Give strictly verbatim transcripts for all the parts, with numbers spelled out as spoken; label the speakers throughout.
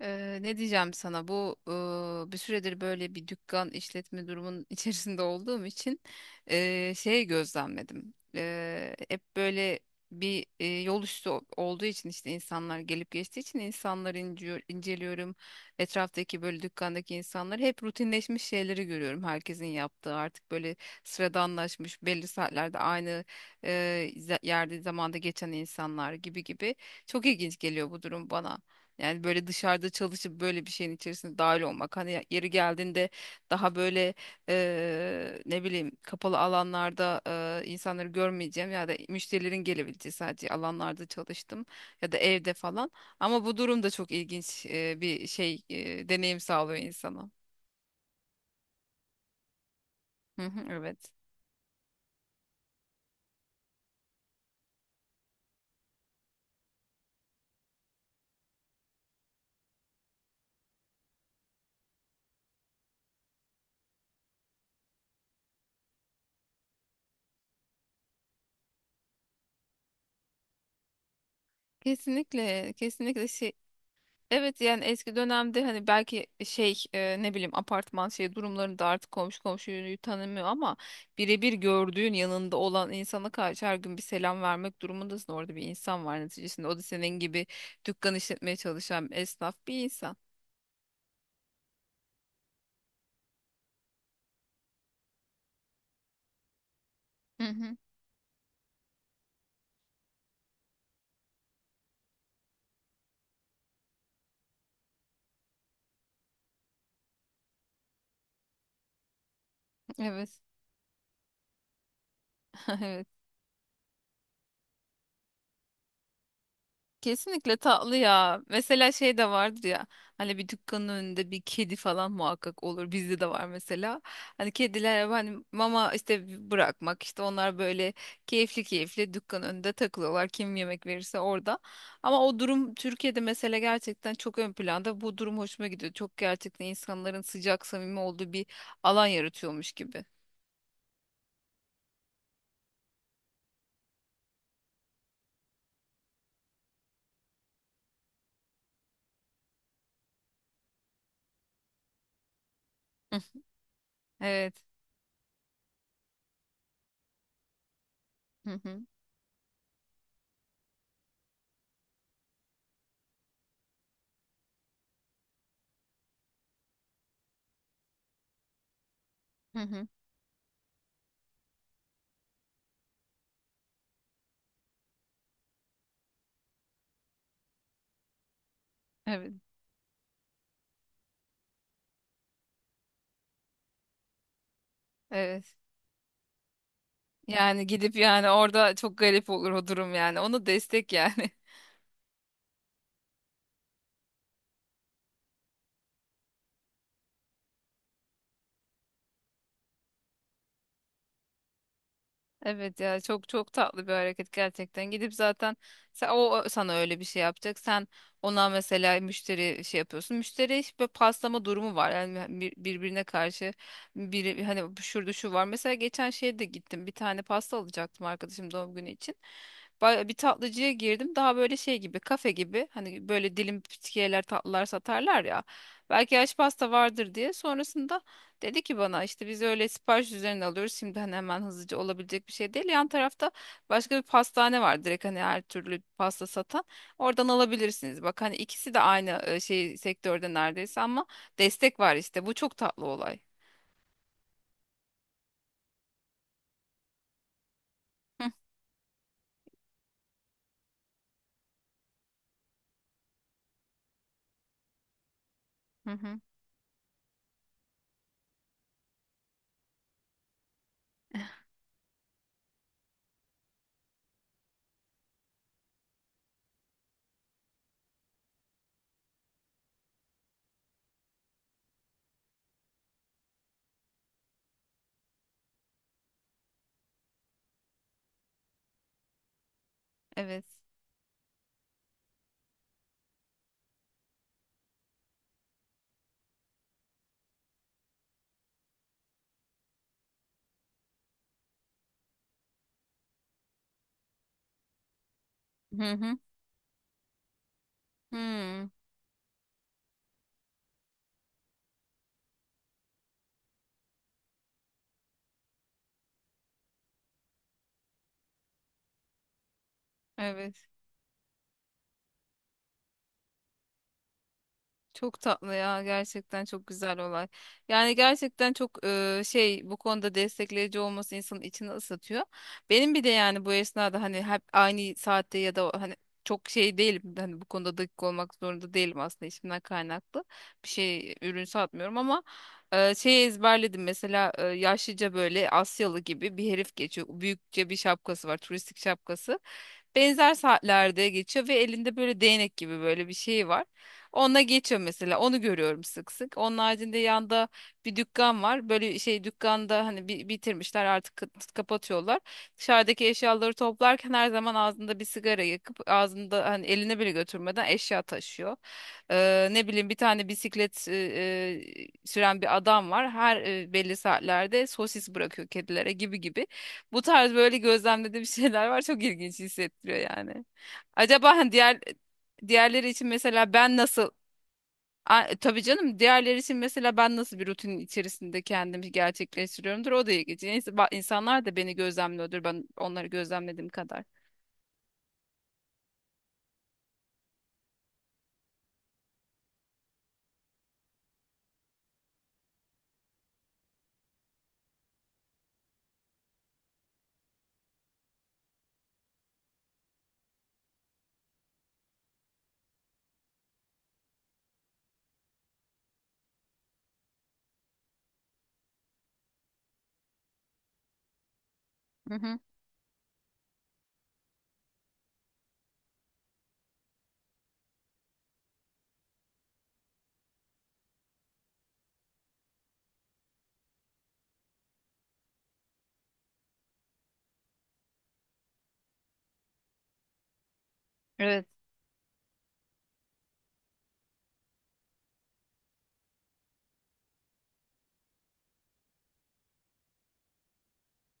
Speaker 1: Ee, ne diyeceğim sana bu e, bir süredir böyle bir dükkan işletme durumunun içerisinde olduğum için e, şey gözlemledim. E, hep böyle bir e, yol üstü o- olduğu için işte insanlar gelip geçtiği için insanları inci- inceliyorum. Etraftaki böyle dükkandaki insanlar hep rutinleşmiş şeyleri görüyorum. Herkesin yaptığı artık böyle sıradanlaşmış belli saatlerde aynı e, za- yerde zamanda geçen insanlar gibi gibi. Çok ilginç geliyor bu durum bana. Yani böyle dışarıda çalışıp böyle bir şeyin içerisinde dahil olmak. Hani ya- yeri geldiğinde daha böyle eee, ne bileyim kapalı alanlarda eee, insanları görmeyeceğim ya da müşterilerin gelebileceği sadece alanlarda çalıştım ya da evde falan. Ama bu durum da çok ilginç eee, bir şey eee, deneyim sağlıyor insana. Hı hı, evet. Kesinlikle, kesinlikle şey, evet yani eski dönemde hani belki şey e, ne bileyim apartman şey durumlarında artık komşu komşuyu tanımıyor ama birebir gördüğün yanında olan insana karşı her gün bir selam vermek durumundasın. Orada bir insan var neticesinde. O da senin gibi dükkan işletmeye çalışan esnaf bir insan. Hı hı, evet. Evet. Kesinlikle tatlı ya. Mesela şey de vardır ya. Hani bir dükkanın önünde bir kedi falan muhakkak olur. Bizde de var mesela. Hani kediler hani mama işte bırakmak işte onlar böyle keyifli keyifli dükkanın önünde takılıyorlar. Kim yemek verirse orada. Ama o durum Türkiye'de mesela gerçekten çok ön planda. Bu durum hoşuma gidiyor. Çok gerçekten insanların sıcak samimi olduğu bir alan yaratıyormuş gibi. Hı, evet. Hı hı. Hı hı. Evet. Evet. Yani gidip yani orada çok garip olur o durum yani. Onu destek yani. Evet ya çok çok tatlı bir hareket gerçekten. Gidip zaten sen, o o sana öyle bir şey yapacak. Sen ona mesela müşteri şey yapıyorsun. Müşteri işte paslama durumu var. Yani bir- birbirine karşı biri hani şurada şu var. Mesela geçen şeye de gittim. Bir tane pasta alacaktım arkadaşım doğum günü için. Ba- Bir tatlıcıya girdim. Daha böyle şey gibi, kafe gibi. Hani böyle dilim pütkiyeler, tatlılar satarlar ya. Belki yaş pasta vardır diye. Sonrasında dedi ki bana işte biz öyle sipariş üzerine alıyoruz. Şimdi hani hemen hızlıca olabilecek bir şey değil. Yan tarafta başka bir pastane var. Direkt hani her türlü pasta satan. Oradan alabilirsiniz. Bak hani ikisi de aynı e, şey sektörde neredeyse ama destek var işte. Bu çok tatlı olay. Hı hı, hı. Evet. Hı hı. Hı. Evet. Çok tatlı ya gerçekten çok güzel olay. Yani gerçekten çok e, şey bu konuda destekleyici olması insanın içini ısıtıyor. Benim bir de yani bu esnada hani hep aynı saatte ya da hani çok şey değilim. Hani bu konuda dakik olmak zorunda değilim aslında işimden kaynaklı. Bir şey ürün satmıyorum ama e, şey ezberledim mesela e, yaşlıca böyle Asyalı gibi bir herif geçiyor. Büyükçe bir şapkası var turistik şapkası benzer saatlerde geçiyor ve elinde böyle değnek gibi böyle bir şey var. Onunla geçiyor mesela. Onu görüyorum sık sık. Onun haricinde yanda bir dükkan var. Böyle şey dükkanda hani bi- bitirmişler artık kı- kapatıyorlar. Dışarıdaki eşyaları toplarken her zaman ağzında bir sigara yakıp ağzında hani eline bile götürmeden eşya taşıyor. Eee, ne bileyim bir tane bisiklet e, e, süren bir adam var. Her e, belli saatlerde sosis bırakıyor kedilere gibi gibi. Bu tarz böyle gözlemlediğim şeyler var. Çok ilginç hissettiriyor yani. Acaba hani diğer diğerleri için mesela ben nasıl A- tabii canım diğerleri için mesela ben nasıl bir rutinin içerisinde kendimi gerçekleştiriyorumdur o da ilginç. Neyse, ba- insanlar da beni gözlemliyordur ben onları gözlemlediğim kadar. Hı hı. Evet.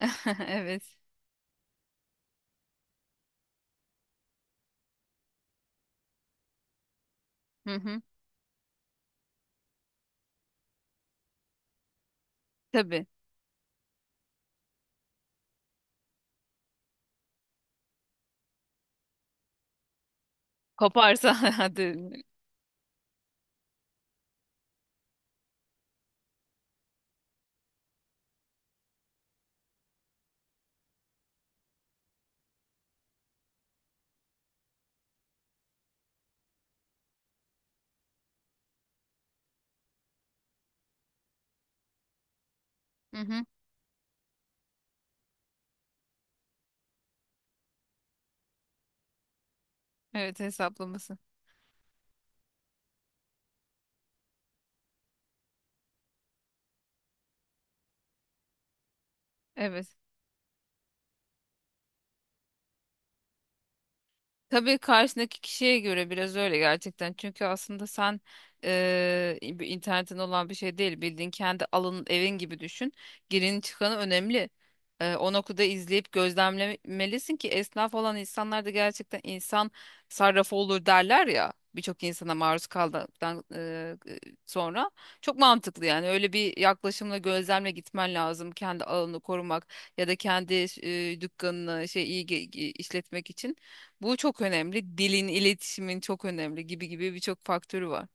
Speaker 1: Evet. Hı hı. Tabii. Koparsa hadi. Hı hı. Evet hesaplaması. Evet. Tabii karşındaki kişiye göre biraz öyle gerçekten. Çünkü aslında sen eee, bir internetin olan bir şey değil. Bildiğin kendi alanın evin gibi düşün. Girin çıkanı önemli. Eee, o noktada izleyip gözlemlemelisin ki esnaf olan insanlar da gerçekten insan sarrafı olur derler ya. Birçok insana maruz kaldıktan eee, sonra. Çok mantıklı yani. Öyle bir yaklaşımla gözlemle gitmen lazım. Kendi alanını korumak ya da kendi eee, dükkanını şey iyi ge- işletmek için. Bu çok önemli. Dilin, iletişimin çok önemli gibi gibi birçok faktörü var.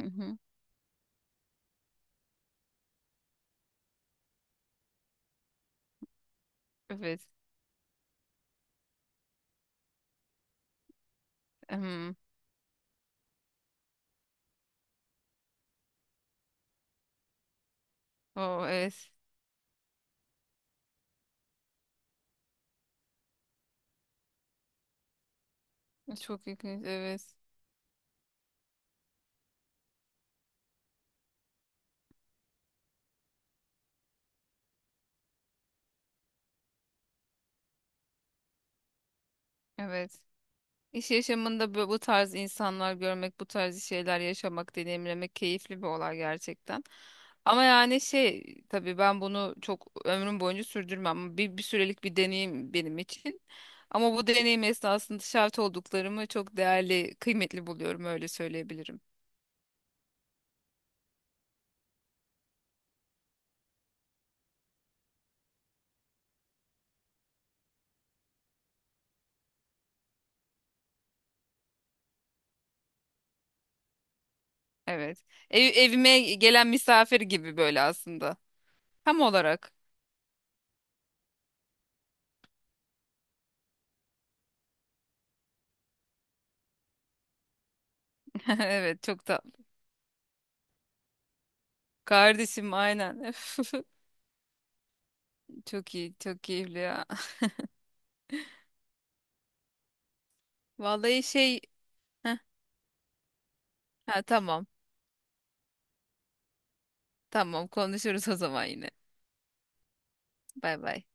Speaker 1: Hı hı. Evet. Hmm. O evet. Çok ilginç. Evet. Evet. İş yaşamında bu, bu tarz insanlar görmek, bu tarz şeyler yaşamak, deneyimlemek keyifli bir olay gerçekten. Ama yani şey tabii ben bunu çok ömrüm boyunca sürdürmem. Bir, bir sürelik bir deneyim benim için. Ama bu deneyim esnasında şahit olduklarımı çok değerli, kıymetli buluyorum öyle söyleyebilirim. Evet. Ev- evime gelen misafir gibi böyle aslında. Tam olarak. Evet çok tatlı. Kardeşim aynen. Öf. Çok iyi, çok keyifli ya. Vallahi şey heh, ha tamam. Tamam konuşuruz o zaman yine. Bay bay.